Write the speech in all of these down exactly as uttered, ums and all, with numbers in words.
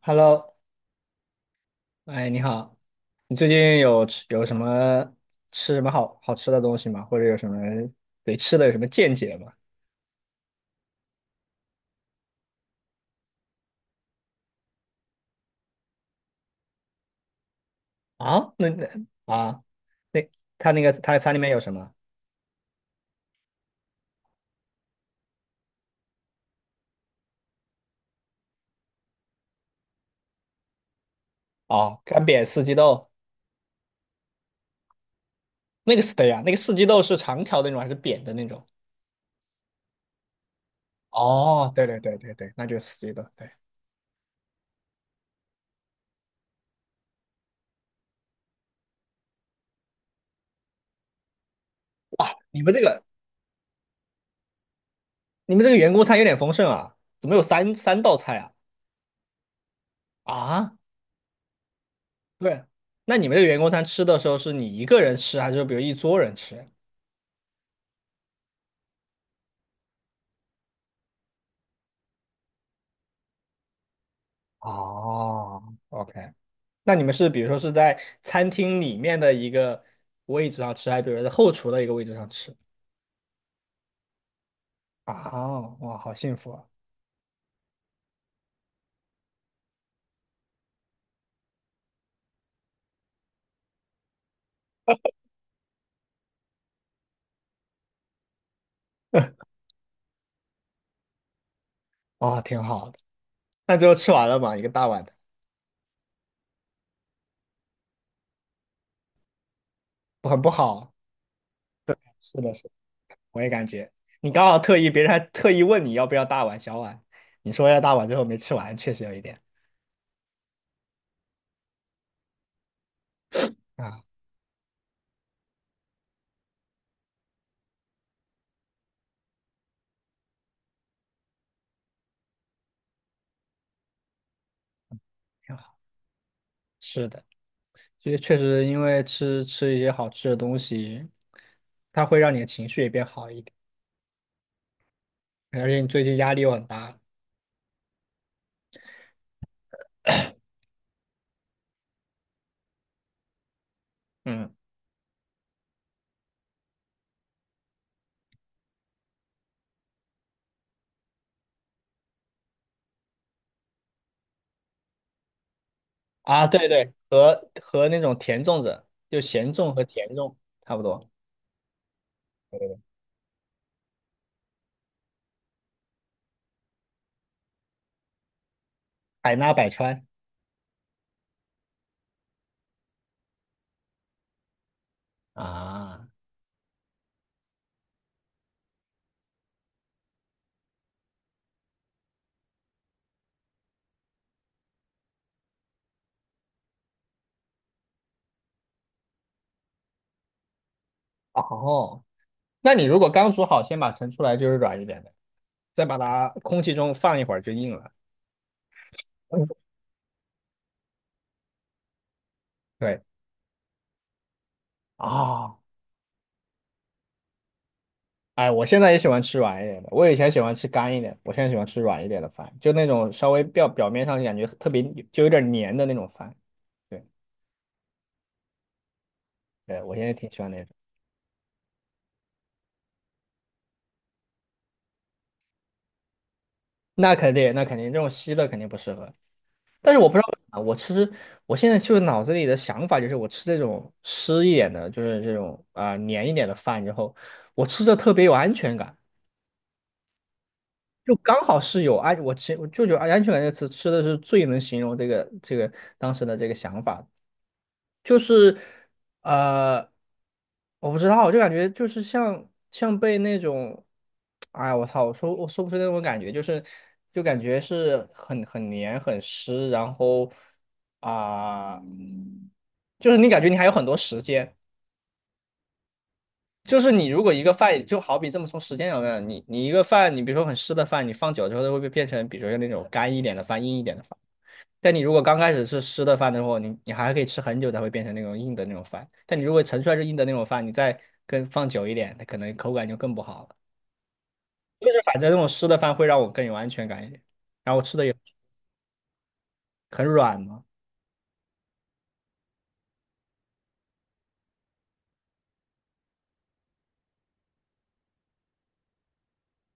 Hello，哎，你好，你最近有吃有什么吃什么好好吃的东西吗？或者有什么对吃的有什么见解吗？啊，那那啊，那他那个他餐里面有什么？哦，干煸四季豆，那个是对呀，那个四季豆是长条的那种还是扁的那种？哦，对对对对对，那就是四季豆。对，哇，你们这个你们这个员工餐有点丰盛啊，怎么有三三道菜啊？啊，对，那你们这个员工餐吃的时候是你一个人吃，还是比如一桌人吃？哦，OK，那你们是比如说是在餐厅里面的一个位置上吃，还是比如说在后厨的一个位置上吃？啊，哇，好幸福啊！哇，挺好的。那最后吃完了嘛，一个大碗的，不，很不好。是的，是的，我也感觉你刚好特意，别人还特意问你要不要大碗小碗，你说要大碗，最后没吃完，确实有一点。啊，挺好。是的，确确实因为吃吃一些好吃的东西，它会让你的情绪也变好一点，而且你最近压力又很大。嗯。啊，对对，和和那种甜粽子，就咸粽和甜粽差不多。对对对，海纳百川啊。哦，那你如果刚煮好，先把盛出来就是软一点的，再把它空气中放一会儿就硬了。嗯，对啊。哎，我现在也喜欢吃软一点的，我以前喜欢吃干一点，我现在喜欢吃软一点的饭，就那种稍微表表面上感觉特别就有点黏的那种饭。对对，我现在挺喜欢那种。那肯定，那肯定，这种稀的肯定不适合。但是我不知道啊，我其实我现在就是脑子里的想法就是，我吃这种湿一点的，就是这种啊、黏一点的饭之后，我吃着特别有安全感，就刚好是有安，我其我就有安全感这个词吃的是最能形容这个这个当时的这个想法。就是呃，我不知道，我就感觉就是像像被那种，哎，我操，我说我说不出那种感觉，就是就感觉是很很黏很湿，然后啊、就是你感觉你还有很多时间。就是你如果一个饭，就好比这么从时间上来讲，你你一个饭，你比如说很湿的饭，你放久了之后，它会不会变成，比如说那种干一点的饭、硬一点的饭？但你如果刚开始是湿的饭的话，你你还可以吃很久才会变成那种硬的那种饭。但你如果盛出来是硬的那种饭，你再跟放久一点，它可能口感就更不好了。就是反正那种湿的饭会让我更有安全感一点，然后吃的也很软嘛。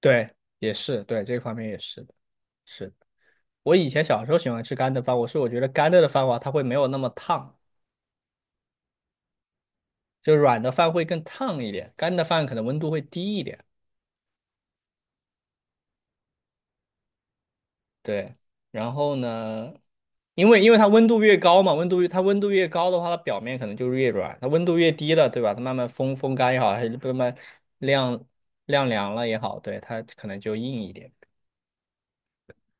对，也是，对，这个方面也是的。我以前小时候喜欢吃干的饭，我是我觉得干的的饭的话，它会没有那么烫，就软的饭会更烫一点，干的饭可能温度会低一点。对，然后呢，因为因为它温度越高嘛，温度越它温度越高的话，它表面可能就是越软；它温度越低了，对吧？它慢慢风风干也好，还是慢慢晾晾凉了也好，对，它可能就硬一点，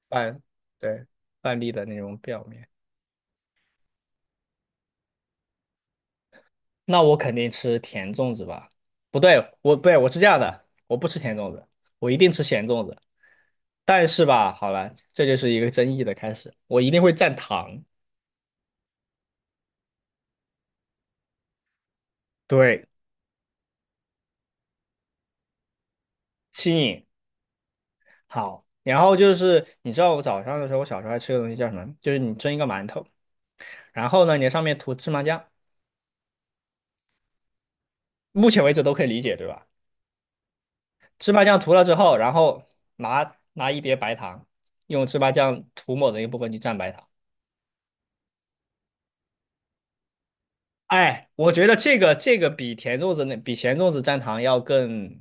半对，半粒的那种表面。那我肯定吃甜粽子吧？不对，我不对，我是这样的，我不吃甜粽子，我一定吃咸粽子。但是吧，好了，这就是一个争议的开始，我一定会蘸糖。对，吸引。好，然后就是你知道我早上的时候，我小时候还吃个东西叫什么？就是你蒸一个馒头，然后呢，你在上面涂芝麻酱，目前为止都可以理解，对吧？芝麻酱涂了之后，然后拿拿一碟白糖，用芝麻酱涂抹的一部分去蘸白糖。哎，我觉得这个这个比甜粽子那比咸粽子蘸糖要更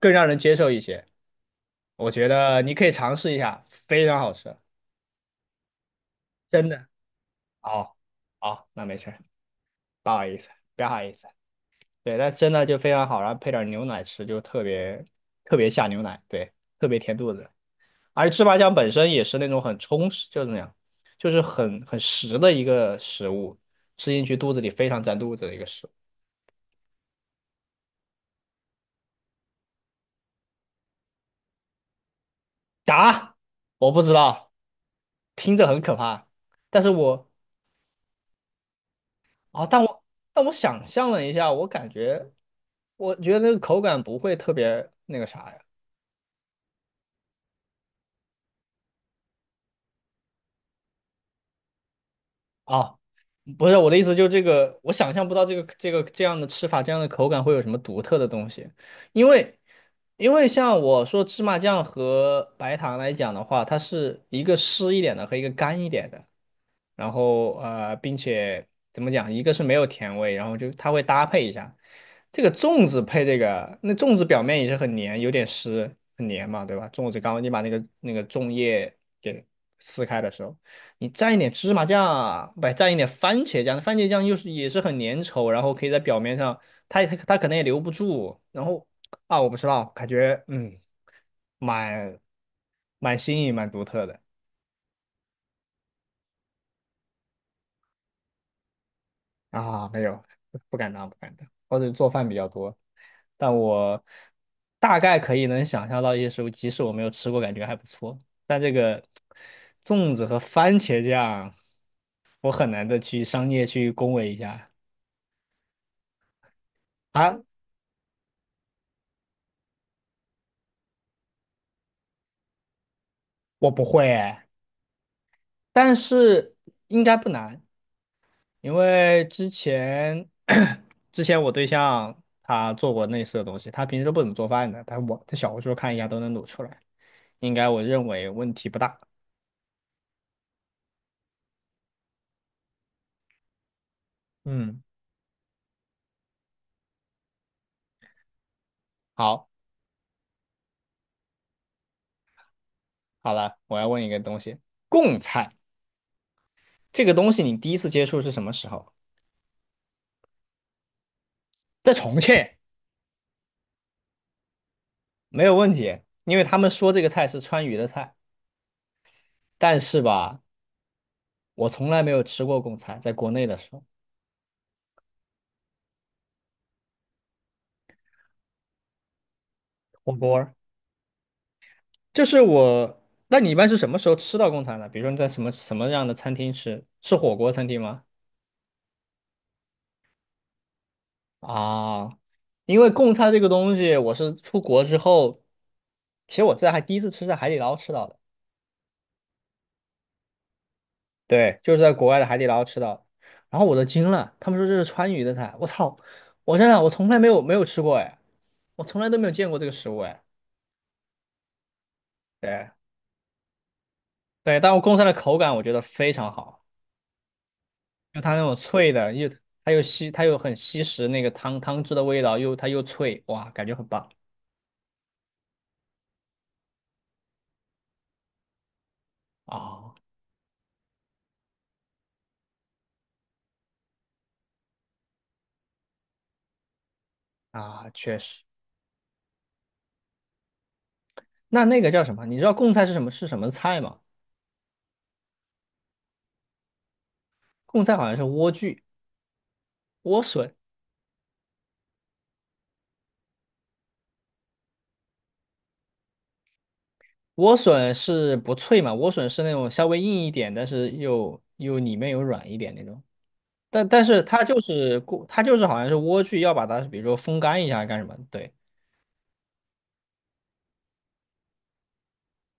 更让人接受一些，我觉得你可以尝试一下，非常好吃，真的。哦，好，那没事儿，不好意思，不好意思。对，但真的就非常好，然后配点牛奶吃，就特别特别下牛奶，对，特别填肚子。而芝麻酱本身也是那种很充实，就是那样，就是很很实的一个食物，吃进去肚子里非常占肚子的一个食物。答，我不知道，听着很可怕，但是我啊、但我但我想象了一下，我感觉我觉得那个口感不会特别那个啥呀。啊，不是我的意思，就是这个，我想象不到这个这个这样的吃法，这样的口感会有什么独特的东西，因为因为像我说芝麻酱和白糖来讲的话，它是一个湿一点的和一个干一点的，然后呃，并且怎么讲，一个是没有甜味，然后就它会搭配一下这个粽子配这个，那粽子表面也是很黏，有点湿，很黏嘛，对吧？粽子刚刚你把那个那个粽叶给撕开的时候，你蘸一点芝麻酱，不蘸一点番茄酱，番茄酱又是也是很粘稠，然后可以在表面上，它它它可能也留不住，然后啊，我不知道，感觉嗯，蛮蛮新颖，蛮独特的。啊，没有，不敢当，不敢当。或者做饭比较多，但我大概可以能想象到一些食物，即使我没有吃过，感觉还不错。但这个粽子和番茄酱，我很难的去商业去恭维一下。啊，我不会哎，但是应该不难，因为之前 之前我对象他做过类似的东西，他平时不怎么做饭的，但我在小红书看一下都能卤出来，应该我认为问题不大。嗯，好，好了，我要问一个东西，贡菜这个东西你第一次接触是什么时候？在重庆，没有问题，因为他们说这个菜是川渝的菜，但是吧，我从来没有吃过贡菜，在国内的时候，火锅儿，就是我，那你一般是什么时候吃到贡菜呢？比如说你在什么什么样的餐厅吃？是火锅餐厅吗？啊，因为贡菜这个东西，我是出国之后，其实我在还第一次吃在海底捞吃到的。对，就是在国外的海底捞吃到的。然后我都惊了，他们说这是川渝的菜，我操！我真的我从来没有没有吃过哎，我从来都没有见过这个食物哎。对对，但我贡菜的口感我觉得非常好，就它那种脆的，又它又吸它又很吸食那个汤汤汁的味道，又它又脆，哇，感觉很棒。啊啊，确实。那那个叫什么？你知道贡菜是什么是什么菜吗？贡菜好像是莴苣、莴笋。莴笋是不脆嘛？莴笋是那种稍微硬一点，但是又又里面有软一点那种。但但是它就是过，它就是好像是莴苣要把它，比如说风干一下干什么？对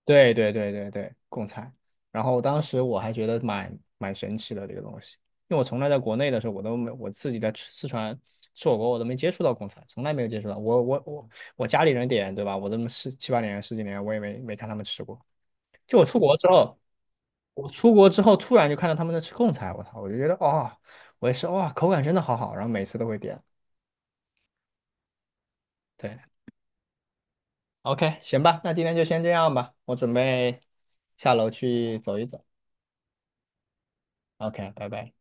对对对对对，贡菜。然后当时我还觉得蛮蛮神奇的这个东西，因为我从来在国内的时候，我都没我自己在吃四川吃火锅，我都没接触到贡菜，从来没有接触到。我我我我家里人点对吧？我这么十七八年十几年，我也没没看他们吃过。就我出国之后。我出国之后突然就看到他们在吃贡菜，我操，我就觉得哦，我也是哇，口感真的好好，然后每次都会点。对，OK，行吧，那今天就先这样吧，我准备下楼去走一走。OK，拜拜。